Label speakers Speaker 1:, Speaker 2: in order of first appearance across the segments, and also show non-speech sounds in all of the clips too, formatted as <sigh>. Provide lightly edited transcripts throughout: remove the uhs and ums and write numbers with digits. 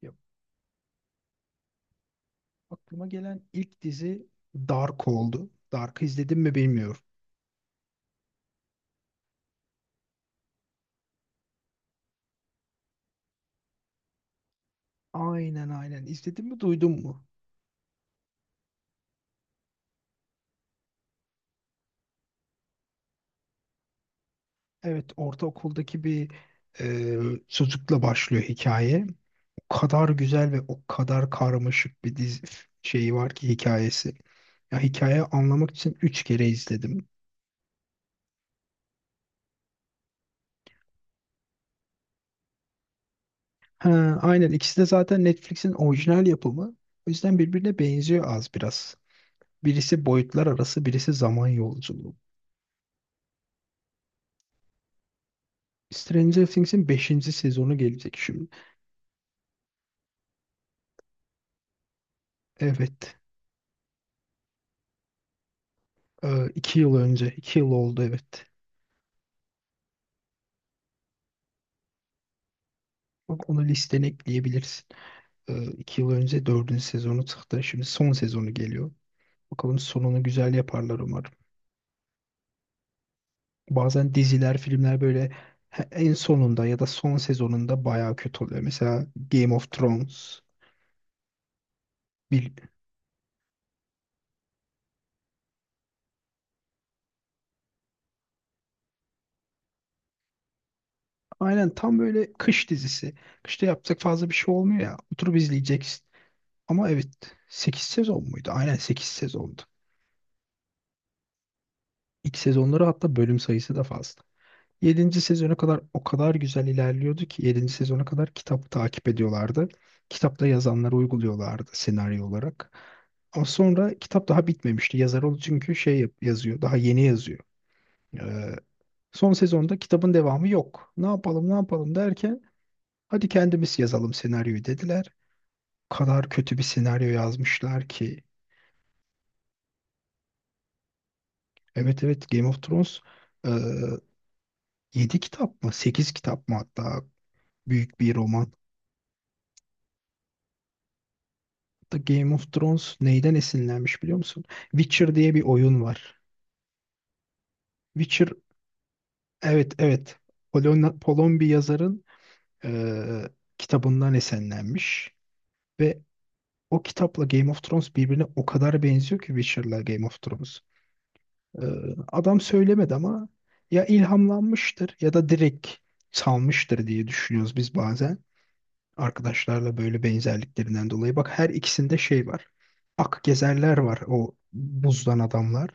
Speaker 1: Ya, aklıma gelen ilk dizi Dark oldu. Dark'ı izledim mi bilmiyorum. Aynen, aynen. İzledin mi, duydun mu? Evet, ortaokuldaki bir e, çocukla başlıyor hikaye. O kadar güzel ve o kadar karmaşık bir dizi şeyi var ki hikayesi. Ya, hikayeyi anlamak için 3 kere izledim. Ha, aynen, ikisi de zaten Netflix'in orijinal yapımı. O yüzden birbirine benziyor az biraz. Birisi boyutlar arası, birisi zaman yolculuğu. Stranger Things'in beşinci sezonu gelecek şimdi. Evet. İki yıl önce. İki yıl oldu, evet. Bak, onu listene ekleyebilirsin. 2 yıl önce dördüncü sezonu çıktı. Şimdi son sezonu geliyor. Bakalım, sonunu güzel yaparlar umarım. Bazen diziler, filmler böyle en sonunda ya da son sezonunda bayağı kötü oluyor. Mesela Game of Thrones. Bir, aynen, tam böyle kış dizisi. Kışta yapacak fazla bir şey olmuyor ya. Oturup izleyeceksin. Ama evet, 8 sezon muydu? Aynen, 8 sezon. İlk sezonları hatta bölüm sayısı da fazla. Yedinci sezona kadar o kadar güzel ilerliyordu ki, yedinci sezona kadar kitabı takip ediyorlardı. Kitapta yazanları uyguluyorlardı senaryo olarak. Ama sonra kitap daha bitmemişti. Yazar ol çünkü yazıyor, daha yeni yazıyor. Ee, Son sezonda kitabın devamı yok. Ne yapalım, ne yapalım derken, hadi kendimiz yazalım senaryoyu dediler. O kadar kötü bir senaryo yazmışlar ki. Evet evet, Game of Thrones e, 7 kitap mı, 8 kitap mı hatta. Büyük bir roman. The Game of Thrones neyden esinlenmiş biliyor musun? Witcher diye bir oyun var. Witcher, evet evet, Polon bir yazarın eee, kitabından esinlenmiş ve o kitapla Game of Thrones birbirine o kadar benziyor ki, Witcher'la Game of Thrones. Adam söylemedi ama ya ilhamlanmıştır ya da direkt salmıştır diye düşünüyoruz biz bazen. Arkadaşlarla böyle benzerliklerinden dolayı. Bak, her ikisinde şey var. Ak gezerler var, o buzdan adamlar.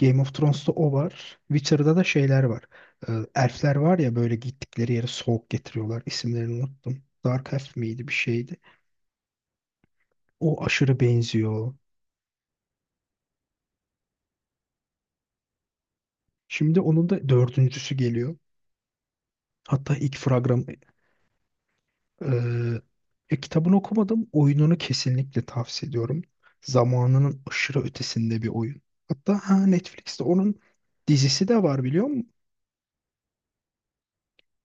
Speaker 1: Game of Thrones'ta o var. Witcher'da da şeyler var. Elfler var ya, böyle gittikleri yere soğuk getiriyorlar. İsimlerini unuttum. Dark Elf miydi, bir şeydi. O aşırı benziyor. Şimdi onun da dördüncüsü geliyor. Hatta ilk fragman. Ee, Ya, kitabını okumadım. Oyununu kesinlikle tavsiye ediyorum. Zamanının aşırı ötesinde bir oyun. Hatta Netflix'te onun dizisi de var biliyor musun?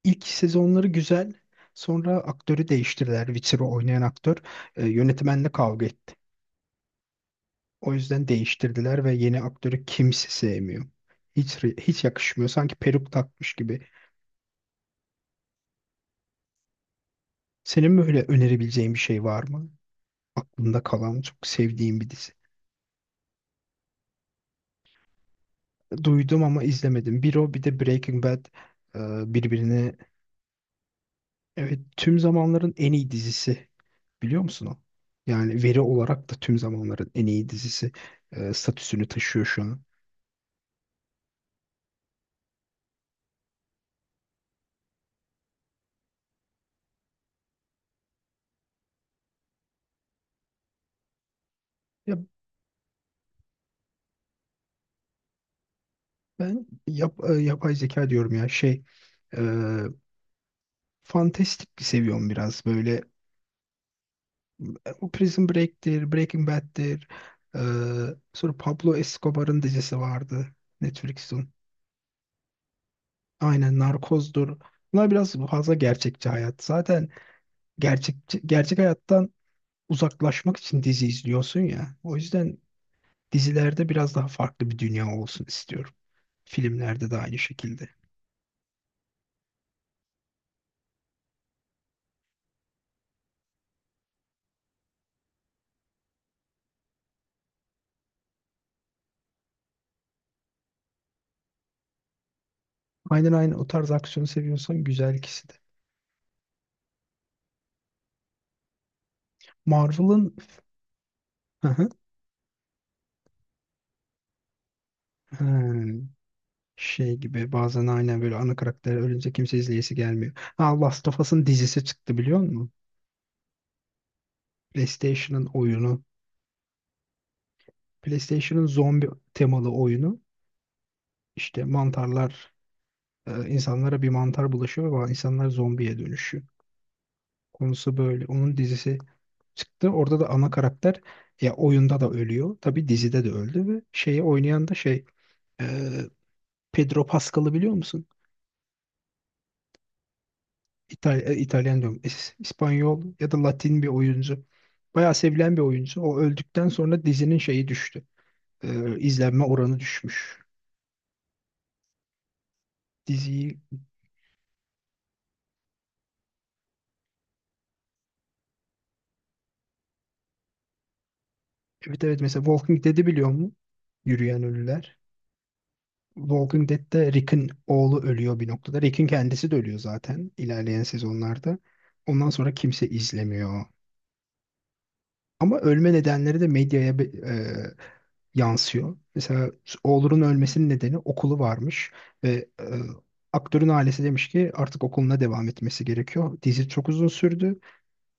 Speaker 1: İlk sezonları güzel. Sonra aktörü değiştirdiler. Witcher'ı oynayan aktör yönetmenle kavga etti. O yüzden değiştirdiler ve yeni aktörü kimse sevmiyor. Hiç yakışmıyor. Sanki peruk takmış gibi. Senin böyle önerebileceğin bir şey var mı? Aklında kalan çok sevdiğin bir dizi. Duydum ama izlemedim. Bir o, bir de Breaking Bad birbirine, evet, tüm zamanların en iyi dizisi, biliyor musun o? Yani veri olarak da tüm zamanların en iyi dizisi statüsünü taşıyor şu an. Ya yapay zeka diyorum ya, şey, e, fantastik seviyorum biraz böyle. E, o Prison Break'tir, Breaking Bad'tir. E, Sonra Pablo Escobar'ın dizisi vardı, Netflix'in. Aynen, Narcoz'dur. Bunlar biraz fazla gerçekçi hayat. Zaten gerçek gerçek hayattan uzaklaşmak için dizi izliyorsun ya. O yüzden dizilerde biraz daha farklı bir dünya olsun istiyorum. Filmlerde de aynı şekilde. Aynen, aynen, o tarz aksiyonu seviyorsan güzel, ikisi de. Marvel'ın. Hı hı. Hmm. Şey gibi, bazen aynen böyle ana karakter ölünce kimse izleyesi gelmiyor. Ha, Last of Us'ın dizisi çıktı biliyor musun? PlayStation'ın oyunu. PlayStation'ın zombi temalı oyunu, işte mantarlar, insanlara bir mantar bulaşıyor ve insanlar zombiye dönüşüyor. Konusu böyle. Onun dizisi çıktı. Orada da ana karakter, ya oyunda da ölüyor. Tabii dizide de öldü ve şeyi oynayan da şey, e, Pedro Pascal'ı biliyor musun? İtalyan diyorum. İspanyol ya da Latin bir oyuncu. Bayağı sevilen bir oyuncu. O öldükten sonra dizinin şeyi düştü. İzlenme oranı düşmüş. Diziyi. Evet evet, mesela Walking Dead'i biliyor mu? Yürüyen Ölüler. Walking Dead'te Rick'in oğlu ölüyor bir noktada. Rick'in kendisi de ölüyor zaten ilerleyen sezonlarda. Ondan sonra kimse izlemiyor. Ama ölme nedenleri de medyaya yansıyor. Mesela oğlunun ölmesinin nedeni okulu varmış ve aktörün ailesi demiş ki artık okuluna devam etmesi gerekiyor. Dizi çok uzun sürdü.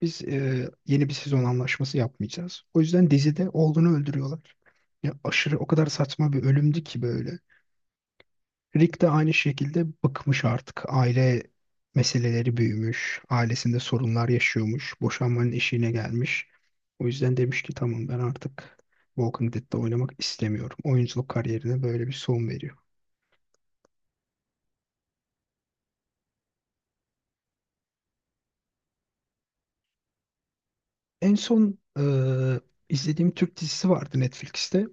Speaker 1: Biz yeni bir sezon anlaşması yapmayacağız. O yüzden dizide oğlunu öldürüyorlar. Ya, aşırı, o kadar saçma bir ölümdü ki böyle. Rick de aynı şekilde bıkmış artık. Aile meseleleri büyümüş. Ailesinde sorunlar yaşıyormuş. Boşanmanın eşiğine gelmiş. O yüzden demiş ki tamam, ben artık Walking Dead'de oynamak istemiyorum. Oyunculuk kariyerine böyle bir son veriyor. En son izlediğim Türk dizisi vardı Netflix'te.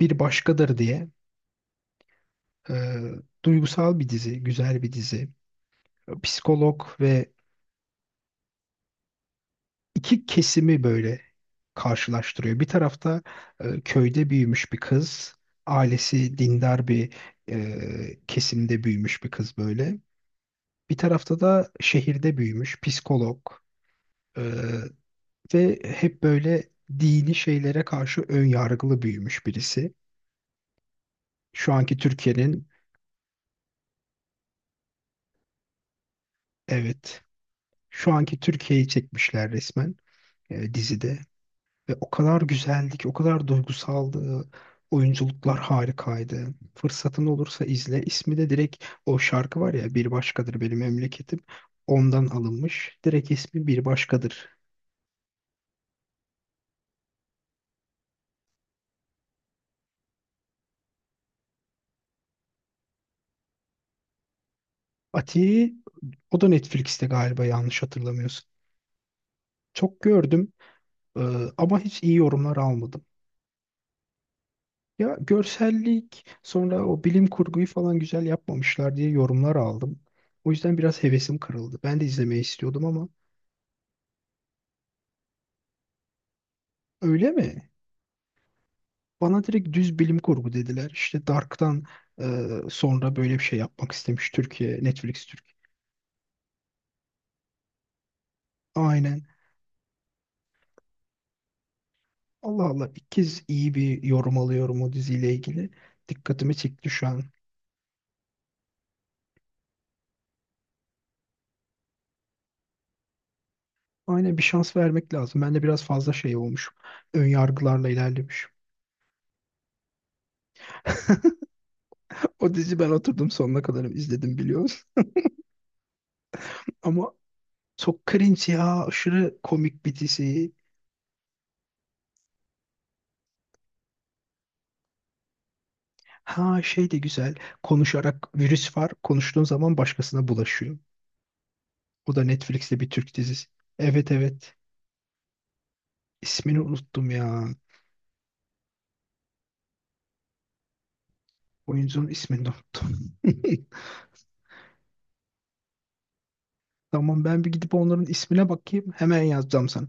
Speaker 1: Bir Başkadır diye. E, Duygusal bir dizi, güzel bir dizi. Psikolog ve iki kesimi böyle karşılaştırıyor. Bir tarafta köyde büyümüş bir kız, ailesi dindar bir e, kesimde büyümüş bir kız böyle. Bir tarafta da şehirde büyümüş psikolog e, ve hep böyle dini şeylere karşı ön yargılı büyümüş birisi. Şu anki Türkiye'nin, evet, şu anki Türkiye'yi çekmişler resmen dizide. Ve o kadar güzeldi ki, o kadar duygusaldı. Oyunculuklar harikaydı. Fırsatın olursa izle. İsmi de direkt o şarkı var ya, Bir Başkadır Benim Memleketim. Ondan alınmış. Direkt ismi Bir Başkadır. Ati, o da Netflix'te galiba, yanlış hatırlamıyorsun. Çok gördüm e, ama hiç iyi yorumlar almadım. Ya görsellik, sonra o bilim kurguyu falan güzel yapmamışlar diye yorumlar aldım. O yüzden biraz hevesim kırıldı. Ben de izlemeyi istiyordum ama, öyle mi? Bana direkt düz bilim kurgu dediler. İşte Dark'tan sonra böyle bir şey yapmak istemiş Türkiye, Netflix Türk. Aynen. Allah Allah, ilk kez iyi bir yorum alıyorum o diziyle ilgili. Dikkatimi çekti şu an. Aynen, bir şans vermek lazım. Ben de biraz fazla şey olmuş. Ön yargılarla ilerlemiş. <laughs> O dizi ben oturdum sonuna kadar izledim, biliyorsun. Ama çok cringe ya. Aşırı komik bir dizi. Ha, şey de güzel. Konuşarak virüs var. Konuştuğun zaman başkasına bulaşıyor. O da Netflix'te bir Türk dizisi. Evet evet. İsmini unuttum ya. Oyuncunun ismini de unuttum. <laughs> Tamam, ben bir gidip onların ismine bakayım. Hemen yazacağım sana.